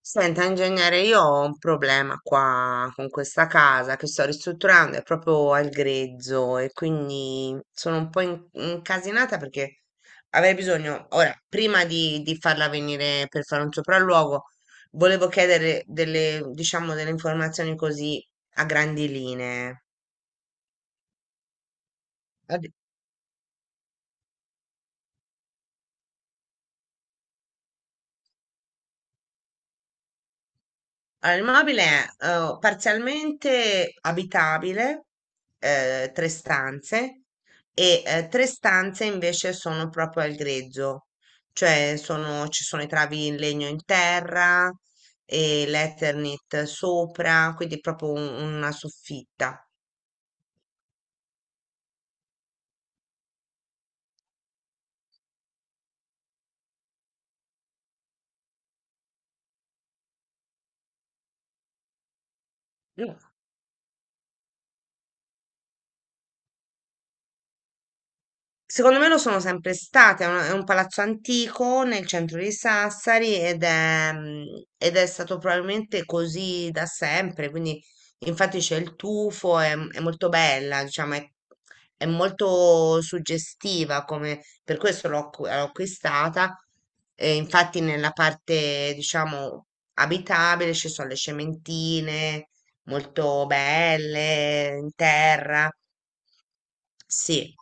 Senta, ingegnere, io ho un problema qua con questa casa che sto ristrutturando, è proprio al grezzo e quindi sono un po' incasinata, perché avrei bisogno, ora, prima di farla venire per fare un sopralluogo, volevo chiedere delle, diciamo, delle informazioni così a grandi linee. Allora, il mobile è parzialmente abitabile, tre stanze, e tre stanze invece sono proprio al grezzo, cioè ci sono i travi in legno in terra e l'Eternit sopra, quindi proprio una soffitta. Secondo me lo sono sempre state, è un palazzo antico nel centro di Sassari, ed è, mm, ed è stato probabilmente così da sempre, quindi infatti c'è il tufo, è molto bella, diciamo, è molto suggestiva, come, per questo l'ho acquistata, e infatti nella parte, diciamo, abitabile ci sono le cementine molto belle, in terra, sì.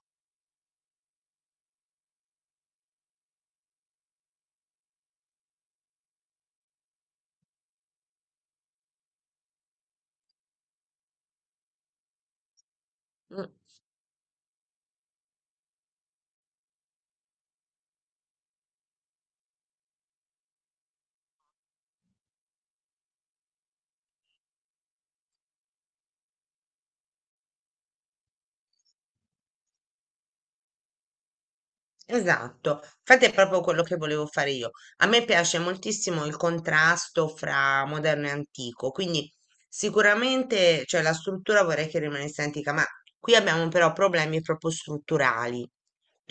Esatto, infatti è proprio quello che volevo fare io. A me piace moltissimo il contrasto fra moderno e antico, quindi sicuramente, cioè, la struttura vorrei che rimanesse antica, ma qui abbiamo però problemi proprio strutturali.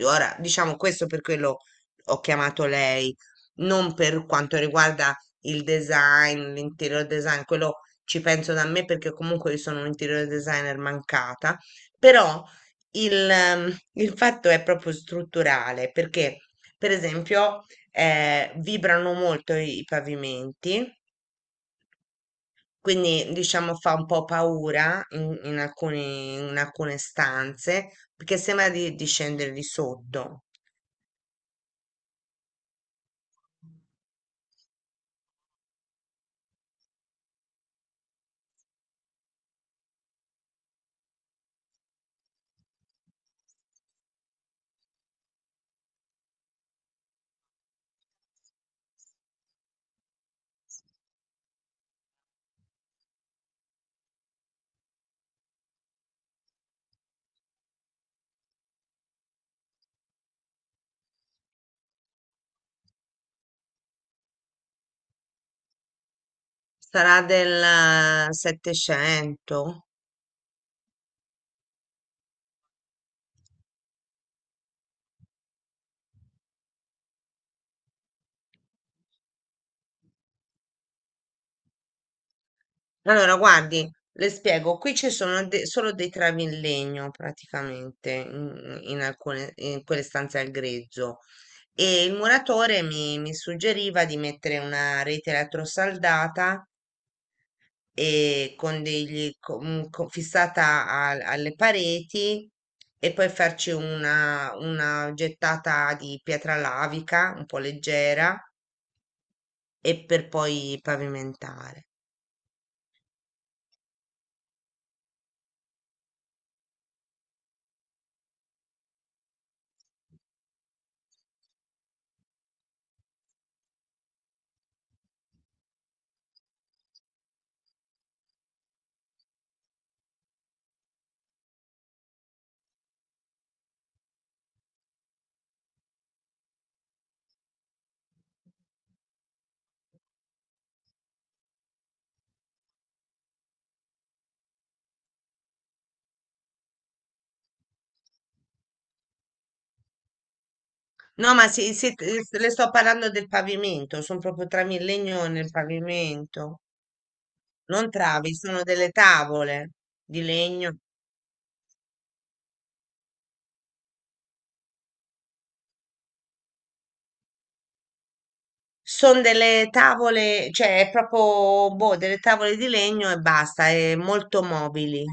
Ora, diciamo questo per quello ho chiamato lei, non per quanto riguarda il design, l'interior design, quello ci penso da me perché comunque io sono un interior designer mancata, però il fatto è proprio strutturale, perché per esempio, vibrano molto i pavimenti, quindi diciamo fa un po' paura in alcune stanze perché sembra di scendere di sotto. Sarà del 700? Allora, guardi, le spiego, qui ci sono solo dei travi in legno praticamente in alcune, in quelle stanze al grezzo, e il muratore mi suggeriva di mettere una rete elettrosaldata e con degli, co- mm, co- fissata alle pareti e poi farci una gettata di pietra lavica un po' leggera e per poi pavimentare. No, ma sì, sì, le sto parlando del pavimento, sono proprio travi in legno nel pavimento, non travi, sono delle tavole di legno, sono delle tavole, cioè è proprio, boh, delle tavole di legno e basta, è molto mobili.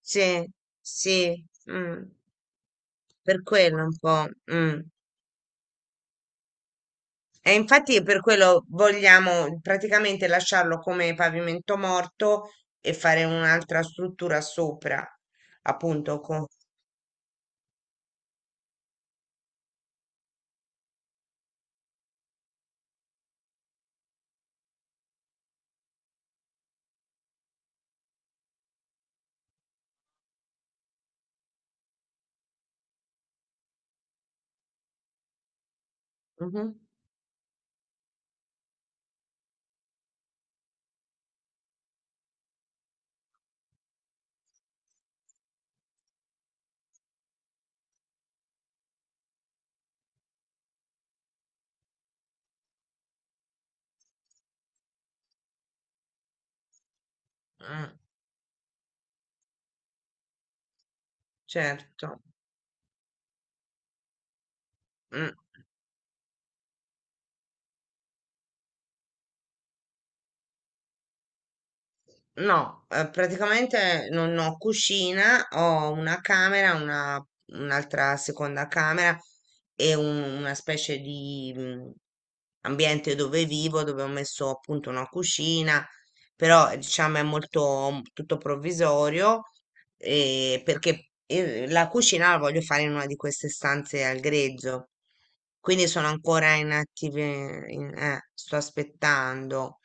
Sì, sì, mm, per quello un po'. Mm. E infatti per quello vogliamo praticamente lasciarlo come pavimento morto e fare un'altra struttura sopra, appunto. Mh-mh. Mh, certo. Mh. No, praticamente non ho cucina, ho una camera, un'altra seconda camera e una specie di ambiente dove vivo, dove ho messo appunto una cucina, però diciamo è molto tutto provvisorio, perché la cucina la voglio fare in una di queste stanze al grezzo, quindi sono ancora in attive, sto aspettando.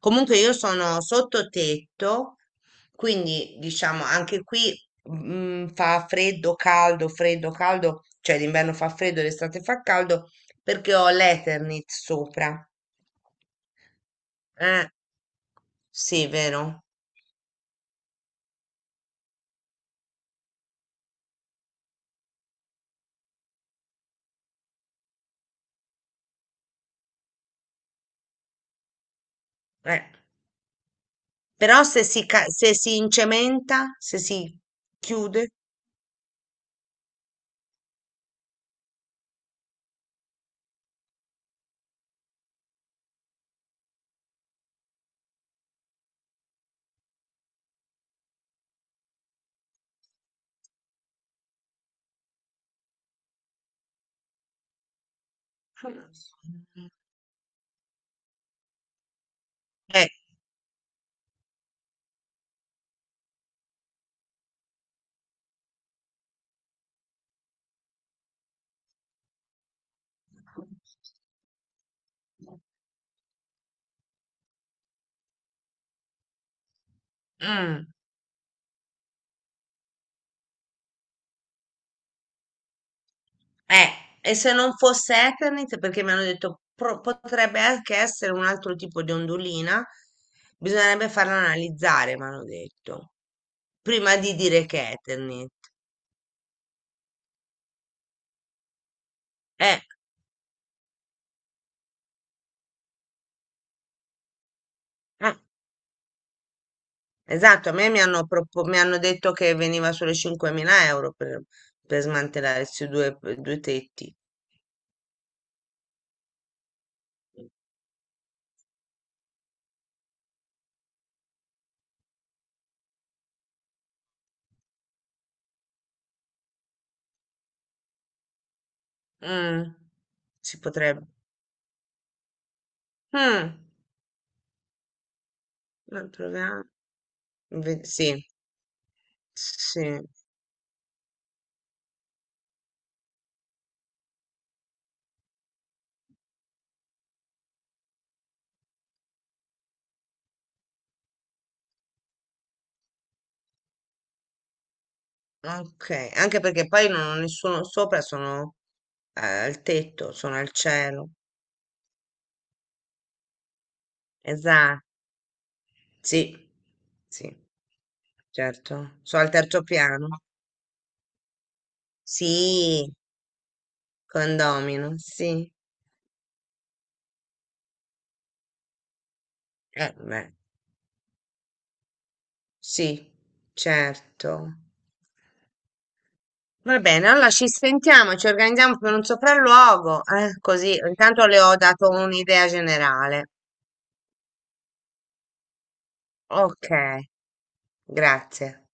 Comunque io sono sottotetto, quindi diciamo anche qui fa freddo, caldo, cioè l'inverno fa freddo, l'estate fa caldo perché ho l'Eternit sopra. Eh, sì, vero. Eh, Però se si incementa, se si chiude, eh, mm, Eh, e se non fosse Eternit, perché mi hanno detto potrebbe anche essere un altro tipo di ondulina, bisognerebbe farla analizzare, mi hanno detto, prima di dire che è Eternit. Eh, eh, esatto, a me mi hanno detto che veniva solo 5.000 euro per smantellare questi due tetti. Mm, si potrebbe. Mm, ma proviamo. Sì, sì. Ok, anche perché poi non ho nessuno sopra, sono al tetto, sono al cielo. Esatto, sì, sì, certo. Sono al terzo piano. Sì, condomino, sì. Beh, sì, certo. Va bene, allora ci sentiamo, ci organizziamo per un sopralluogo, così intanto le ho dato un'idea generale. Ok, grazie.